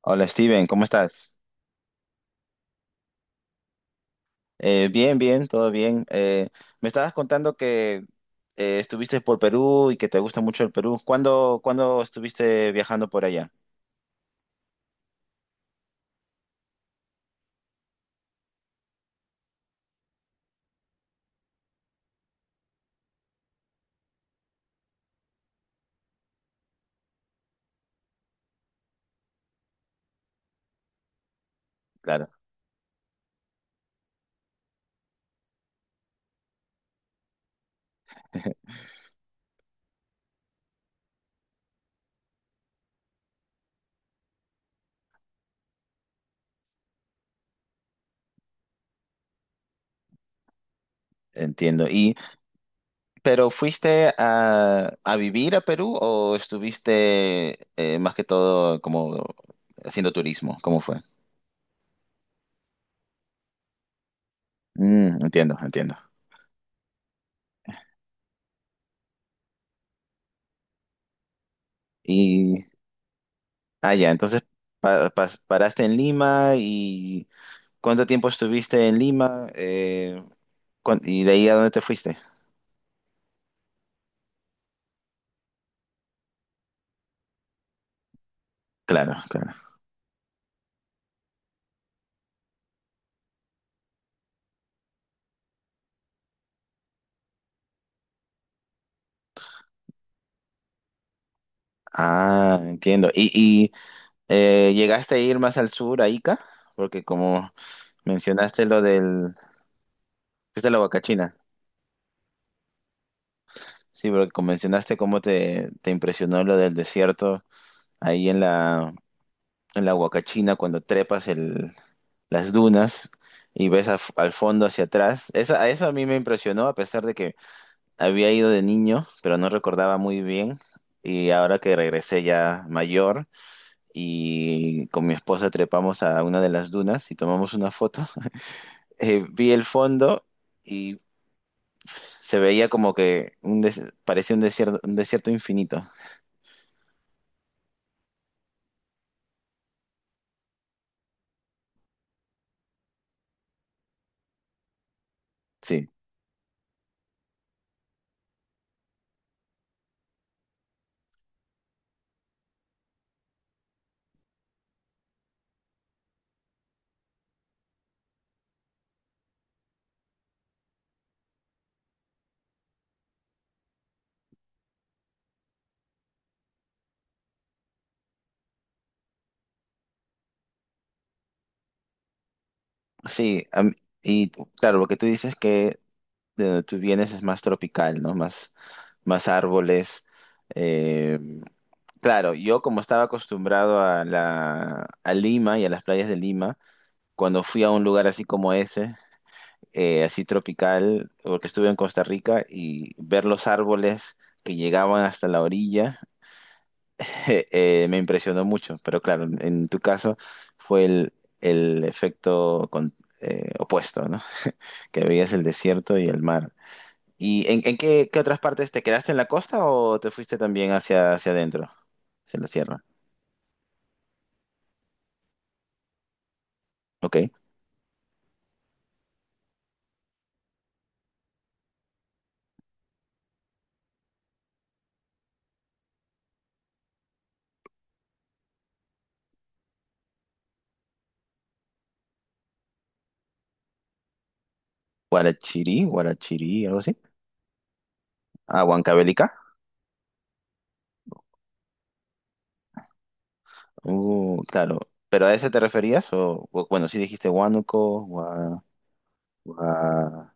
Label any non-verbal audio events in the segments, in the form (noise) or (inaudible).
Hola Steven, ¿cómo estás? Bien, bien, todo bien. Me estabas contando que estuviste por Perú y que te gusta mucho el Perú. ¿Cuándo estuviste viajando por allá? Claro, entiendo. Y, pero ¿fuiste a vivir a Perú o estuviste más que todo como haciendo turismo? ¿Cómo fue? Mm, entiendo, entiendo. Y, ah, ya, entonces paraste en Lima y ¿cuánto tiempo estuviste en Lima? ¿Y de ahí a dónde te fuiste? Claro, claro. Ah, entiendo. ¿Y llegaste a ir más al sur, a Ica? Porque como mencionaste lo del... Fuiste a la Huacachina. Sí, porque como mencionaste cómo te impresionó lo del desierto ahí en en la Huacachina cuando trepas las dunas y ves al fondo hacia atrás. A eso a mí me impresionó, a pesar de que había ido de niño, pero no recordaba muy bien. Y ahora que regresé ya mayor y con mi esposa trepamos a una de las dunas y tomamos una foto. (laughs) Vi el fondo y se veía como que un parecía un desierto infinito. Sí, sí. a y Claro, lo que tú dices que de donde tú vienes es más tropical, ¿no? Más, más árboles. eh, Claro, yo como estaba acostumbrado a a Lima y a las playas de Lima, cuando fui a un lugar así como ese, así tropical, porque estuve en Costa Rica y ver los árboles que llegaban hasta la orilla. (laughs) Me impresionó mucho, pero claro, en tu caso fue el efecto opuesto, ¿no? (laughs) Que veías el desierto y el mar. ¿Y en qué otras partes? ¿Te quedaste en la costa o te fuiste también hacia adentro, hacia la sierra? Ok. Guarachirí, Guarachirí, algo así. Ah, Huancavelica. Claro. ¿Pero a ese te referías? Bueno, sí dijiste Huánuco, Gua-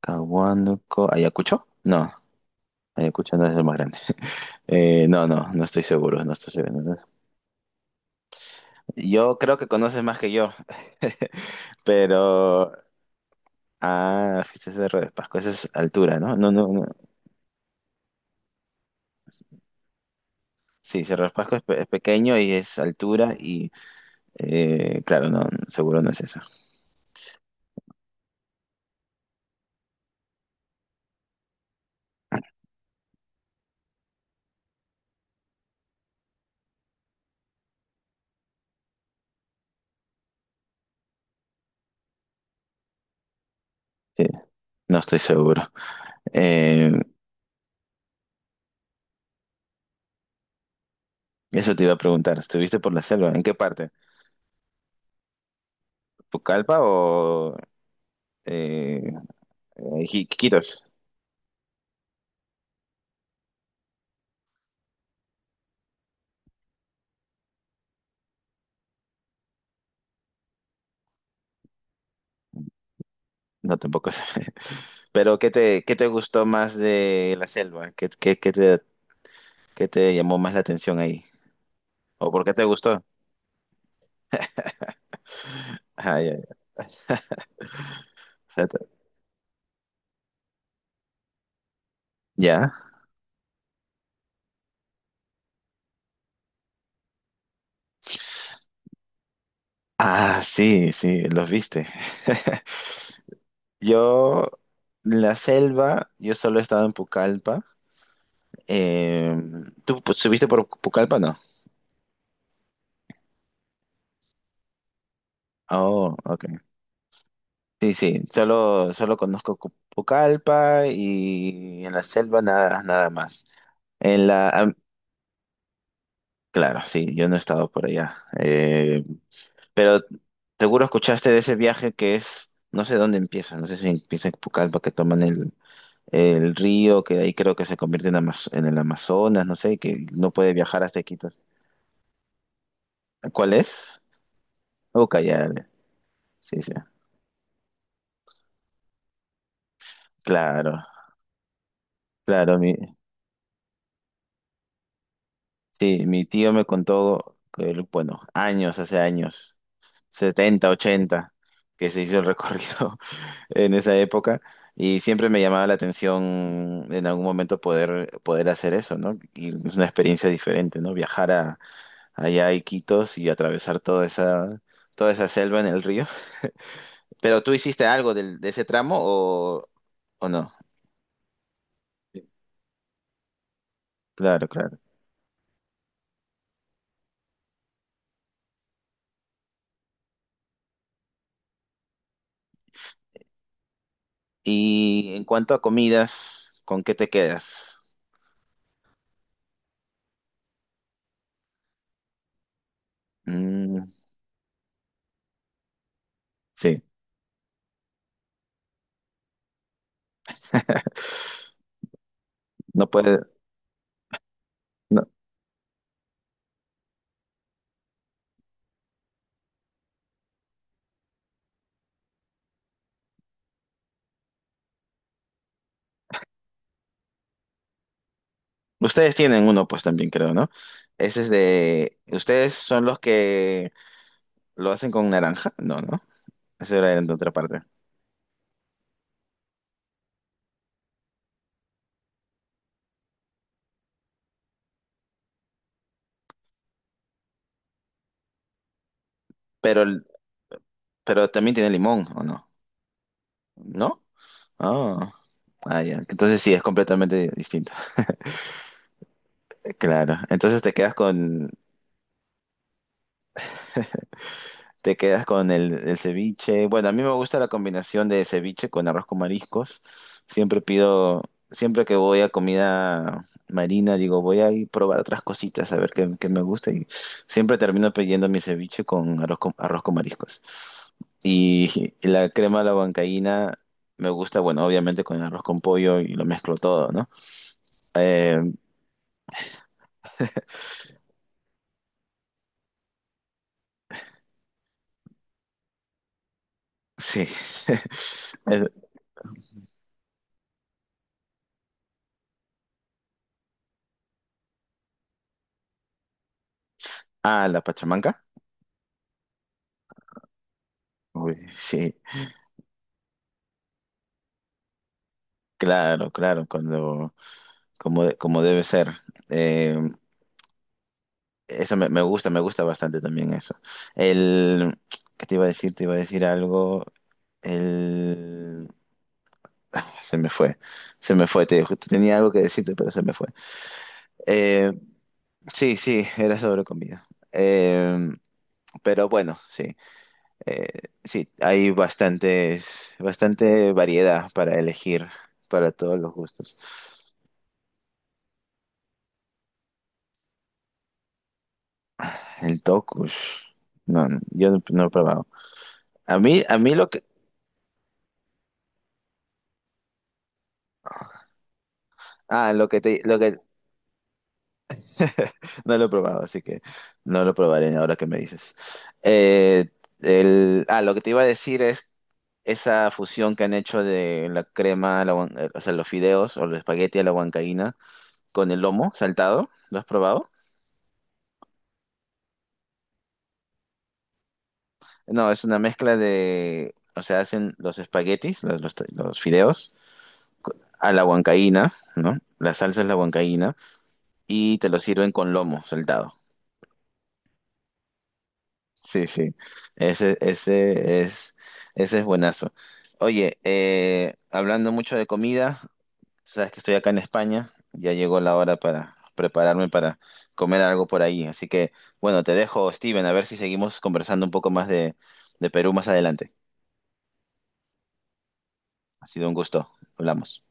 ¿Ayacucho? No, Ayacucho no es el más grande. No, no, no estoy seguro, no estoy seguro. Yo creo que conoces más que yo, (laughs) pero... Ah, fuiste a Cerro de Pasco, esa es altura, ¿no? No, no, no. Sí, Cerro de Pasco es, es pequeño y es altura y, claro, no, seguro no es eso. Sí, no estoy seguro. Eh, Eso te iba a preguntar, ¿estuviste por la selva? ¿En qué parte? ¿Pucallpa o eh, Quitos? No, tampoco sé. (laughs) Pero ¿qué qué te gustó más de la selva? ¿Qué te, qué te llamó más la atención ahí? ¿O por qué te gustó? (laughs) Ah, ya, ya. O sea, te- ¿Ya? Ah, sí, sí, los viste. (laughs) Yo, la selva, yo solo he estado en Pucallpa. Eh, ¿Tú pues, subiste por Pucallpa, no? Oh, ok. Sí, sí, solo, solo conozco Pucallpa y en la selva nada, nada más. En la, ah, claro, sí, yo no he estado por allá. Pero seguro escuchaste de ese viaje que es, no sé dónde empieza, no sé si empieza en Pucallpa, que toman el río, que de ahí creo que se convierte en, en el Amazonas, no sé, que no puede viajar hasta Iquitos. ¿Cuál es? Ucayali. Sí, sí. Claro, claro, sí, mi tío me contó, que él, bueno, hace años, 70, 80, que se hizo el recorrido (laughs) en esa época y siempre me llamaba la atención en algún momento poder, poder hacer eso, ¿no? Y es una experiencia diferente, ¿no? Viajar a, allá a Iquitos y atravesar toda esa selva en el río. (laughs) ¿Pero tú hiciste algo de ese tramo o no? Claro, claro. Y en cuanto a comidas, ¿con qué te quedas? Mm, sí. No puede. No. Ustedes tienen uno, pues también creo, ¿no? Ese es de. Ustedes son los que lo hacen con naranja. No, no. Eso era de otra parte. Pero, pero también tiene limón, ¿o no? ¿No? Ah, ah, ya. Entonces sí, es completamente distinto. (laughs) Claro. Entonces te quedas con. Te quedas con el ceviche. Bueno, a mí me gusta la combinación de ceviche con arroz con mariscos. Siempre pido, siempre que voy a comida marina, digo, voy a ir a probar otras cositas, a ver qué me gusta. Y siempre termino pidiendo mi ceviche con arroz con, arroz con mariscos. Y (laughs) la crema a la huancaína me gusta, bueno, obviamente con arroz con pollo y lo mezclo todo, ¿no? Eh, sí. (laughs) Es- ah, la pachamanca. Uy, sí, claro, claro, cuando... como, de- como debe ser. Eh, Eso me, me gusta bastante también eso. El, ¿qué te iba a decir? Te iba a decir algo. El, se me fue, se me fue. Te, justo tenía algo que decirte, pero se me fue. Eh, sí, sí, era sobre comida. Eh, pero bueno, sí, eh, sí, hay bastantes, bastante variedad para elegir para todos los gustos. El tokush, no, no, yo no, no he probado. A mí lo que Ah, lo que te, lo que (laughs) no lo he probado, así que no lo probaré ahora que me dices. Eh, el, ah, lo que te iba a decir es esa fusión que han hecho de la crema, a la o sea, los fideos o los espagueti a la huancaína con el lomo saltado. ¿Lo has probado? No, es una mezcla de, o sea, hacen los espaguetis, los fideos a la huancaína, ¿no? La salsa es la huancaína y te lo sirven con lomo saltado. Sí, sí, ese, ese es buenazo. Oye, hablando mucho de comida, sabes que estoy acá en España, ya llegó la hora para prepararme para comer algo por ahí. Así que, bueno, te dejo, Steven, a ver si seguimos conversando un poco más de Perú más adelante. Ha sido un gusto, hablamos.